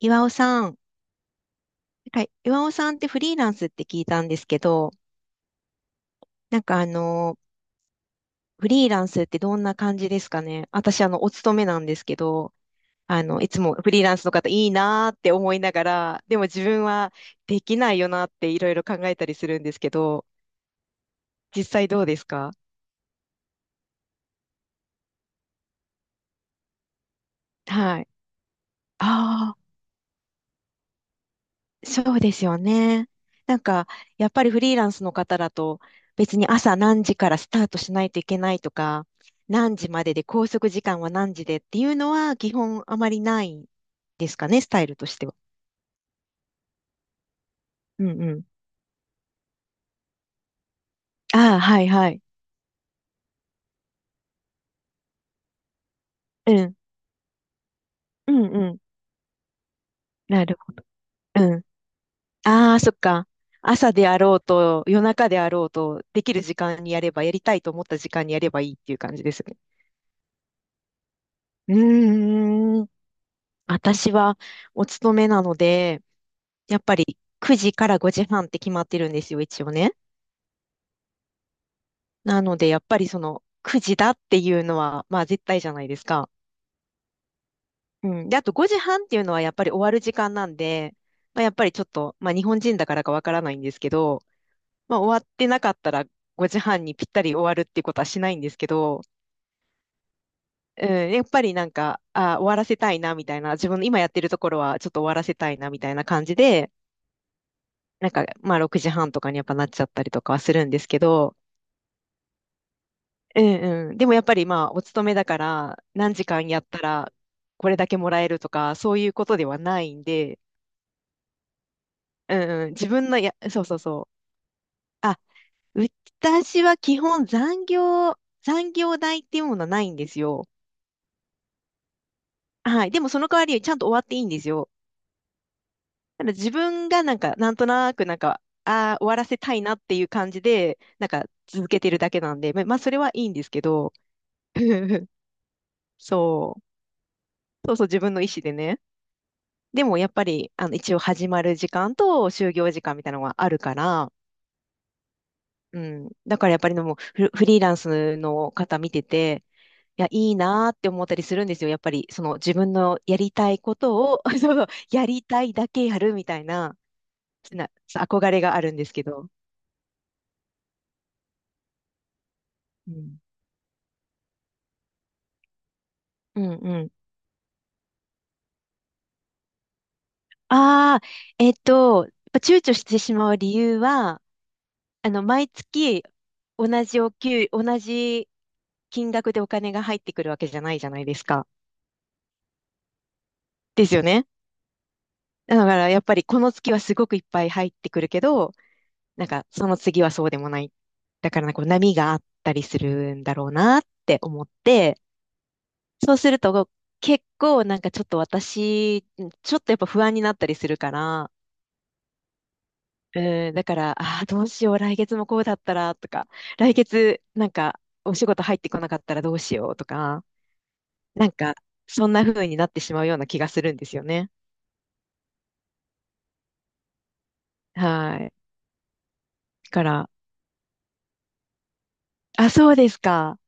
岩尾さん、なんか岩尾さんってフリーランスって聞いたんですけど、なんかフリーランスってどんな感じですかね？私、お勤めなんですけど、いつもフリーランスの方いいなーって思いながら、でも自分はできないよなっていろいろ考えたりするんですけど、実際どうですか？はい。あ、そうですよね。なんか、やっぱりフリーランスの方だと、別に朝何時からスタートしないといけないとか、何時までで拘束時間は何時でっていうのは基本あまりないですかね、スタイルとしては。うんうん。ああ、はいはい。うん。うんうん。なるほど。うん。ああ、そっか。朝であろうと、夜中であろうと、できる時間にやれば、やりたいと思った時間にやればいいっていう感じですね。うーん。私はお勤めなので、やっぱり9時から5時半って決まってるんですよ、一応ね。なので、やっぱりその9時だっていうのは、まあ絶対じゃないですか。うん。で、あと5時半っていうのはやっぱり終わる時間なんで、まあ、やっぱりちょっと、まあ日本人だからかわからないんですけど、まあ終わってなかったら5時半にぴったり終わるっていうことはしないんですけど、うん、やっぱりなんか、あ、終わらせたいなみたいな、自分の今やってるところはちょっと終わらせたいなみたいな感じで、なんか、まあ、6時半とかにやっぱなっちゃったりとかはするんですけど、うんうん。でもやっぱりまあ、お勤めだから、何時間やったら、これだけもらえるとか、そういうことではないんで、うんうん。自分のや、そうそうそう。あ、私は基本残業代っていうものはないんですよ。はい。でもその代わり、ちゃんと終わっていいんですよ。ただ自分がなんか、なんとなくなんか、ああ、終わらせたいなっていう感じで、なんか続けてるだけなんで、ままあ、それはいいんですけど、そう。そうそう、自分の意思でね。でもやっぱり、一応始まる時間と就業時間みたいなのがあるから、うん。だからやっぱりでもフリーランスの方見てて、いや、いいなーって思ったりするんですよ。やっぱり、その自分のやりたいことを、そうそう、やりたいだけやるみたいな、な憧れがあるんですけど。うん。うんうん。ああ、やっぱ躊躇してしまう理由は、毎月同じ金額でお金が入ってくるわけじゃないじゃないですか。ですよね。だからやっぱりこの月はすごくいっぱい入ってくるけど、なんかその次はそうでもない。だからなんかこう波があったりするんだろうなって思って、そうすると結構なんかちょっと私、ちょっとやっぱ不安になったりするから、うん、だから、ああ、どうしよう、来月もこうだったらとか、来月なんかお仕事入ってこなかったらどうしようとか、なんか、そんな風になってしまうような気がするんですよね。はい。だから、あ、そうですか。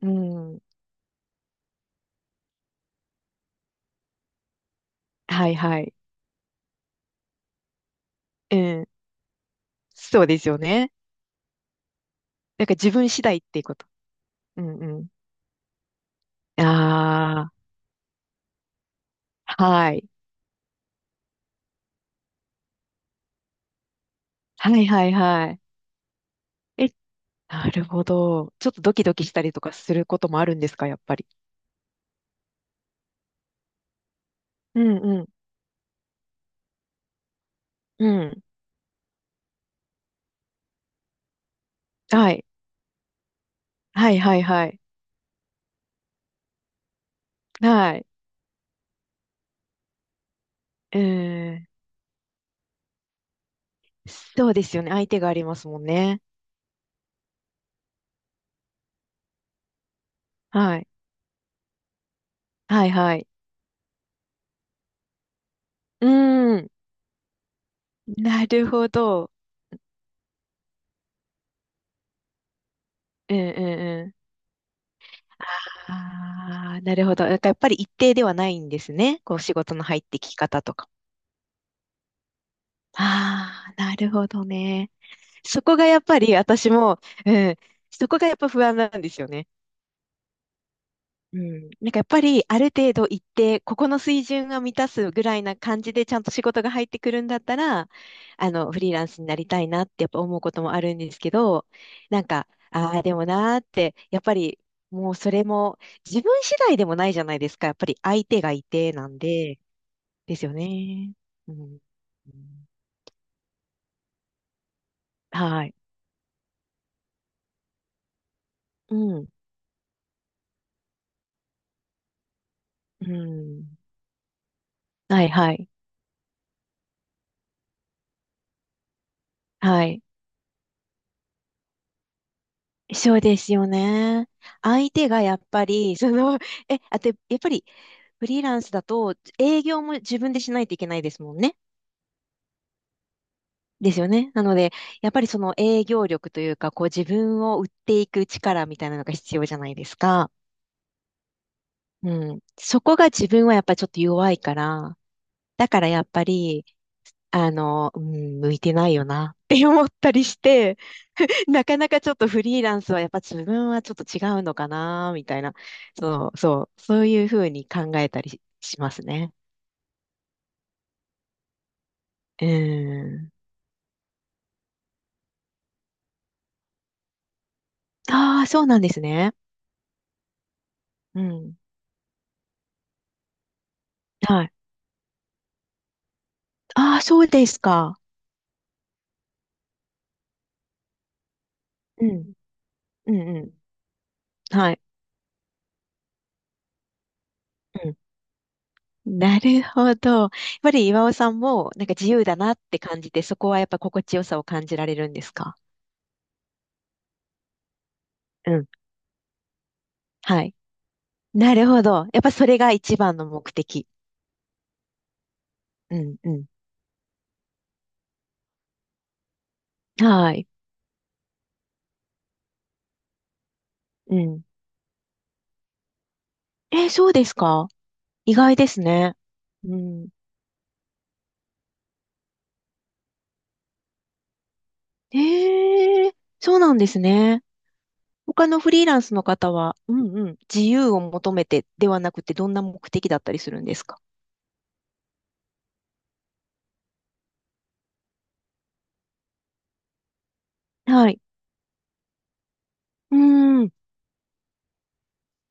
うん。はいはい。うん。そうですよね。なんか自分次第っていうこと。うんうん。ああ、はい。はいはいはい。え、なるほど。ちょっとドキドキしたりとかすることもあるんですか、やっぱり。うんうん。うん。はい。はいはいはい。はい。うん。そうですよね。相手がありますもんね。はい。はいはい。うん。なるほど。うんうんうん。ああ、なるほど。だからやっぱり一定ではないんですね。こう仕事の入ってき方とか。ああ、なるほどね。そこがやっぱり私も、うん、そこがやっぱ不安なんですよね。うん、なんかやっぱりある程度行って、ここの水準が満たすぐらいな感じでちゃんと仕事が入ってくるんだったら、フリーランスになりたいなってやっぱ思うこともあるんですけど、なんか、ああ、でもなーって、やっぱりもうそれも自分次第でもないじゃないですか。やっぱり相手がいてなんで、ですよね。うん。うんはい。うん。うん。はいはい。はい。そうですよね。相手がやっぱり、あと、やっぱりフリーランスだと営業も自分でしないといけないですもんね。ですよね。なので、やっぱりその営業力というか、こう自分を売っていく力みたいなのが必要じゃないですか。うん。そこが自分はやっぱりちょっと弱いから、だからやっぱり、うん、向いてないよなって思ったりして、なかなかちょっとフリーランスはやっぱ自分はちょっと違うのかな、みたいな。そう、そう、そういうふうに考えたりしますね。うん。ああ、そうなんですね。うん。はい。ああ、そうですか。うん。うんうん。はい。うん。なるほど。やっぱり岩尾さんも、なんか自由だなって感じて、そこはやっぱ心地よさを感じられるんですか？うん。はい。なるほど。やっぱそれが一番の目的。うんうん。はい。うん。えー、そうですか？意外ですね。うん。えー、そうなんですね。他のフリーランスの方は、うんうん、自由を求めてではなくて、どんな目的だったりするんですか？はい。うーん。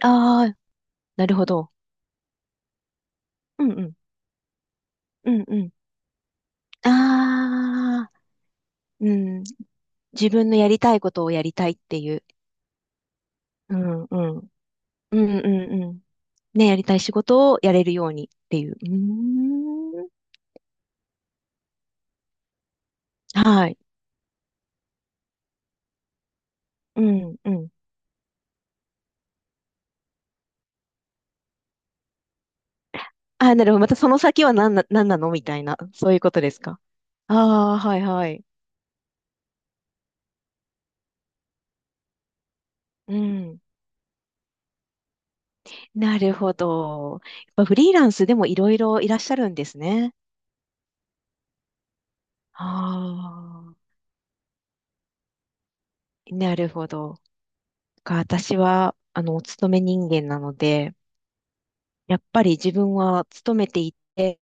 ああ、なるほど。うんうん。うんうん。ああ、うん。自分のやりたいことをやりたいっていう。うんうん。うんうんうん。ね、やりたい仕事をやれるようにっていう。うーん。はい。うんうん。ああ、なるほど。またその先は何なのみたいな、そういうことですか。ああ、はいはい。うん。なるほど。やっぱフリーランスでもいろいろいらっしゃるんですね。ああ、なるほど。私は、お勤め人間なので、やっぱり自分は勤めていて、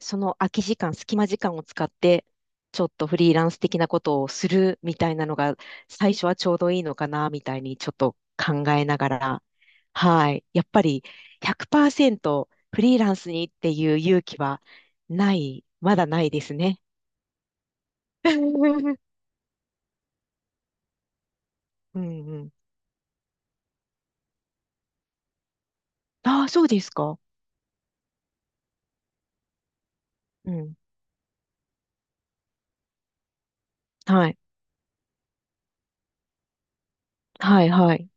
その空き時間、隙間時間を使って、ちょっとフリーランス的なことをするみたいなのが、最初はちょうどいいのかな、みたいにちょっと考えながら、はい。やっぱり100%フリーランスにっていう勇気はない、まだないですね。うんうん。ああ、そうですか。うん。はい。はい、はい。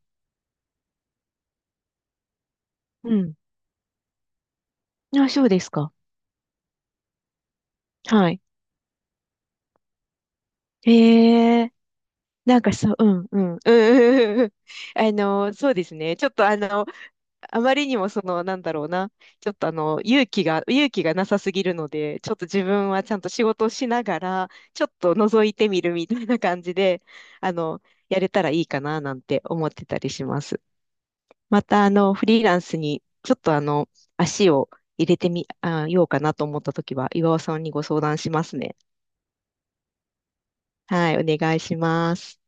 うん。ああ、そうですか。はい。へえ、なんかそう、うん、うん、うん、うん、うんうん。そうですね。ちょっとあまりにもなんだろうな。ちょっと勇気がなさすぎるので、ちょっと自分はちゃんと仕事をしながら、ちょっと覗いてみるみたいな感じで、あの、やれたらいいかな、なんて思ってたりします。また、フリーランスに、ちょっと足を入れてみ、ようかなと思ったときは、岩尾さんにご相談しますね。はい、お願いします。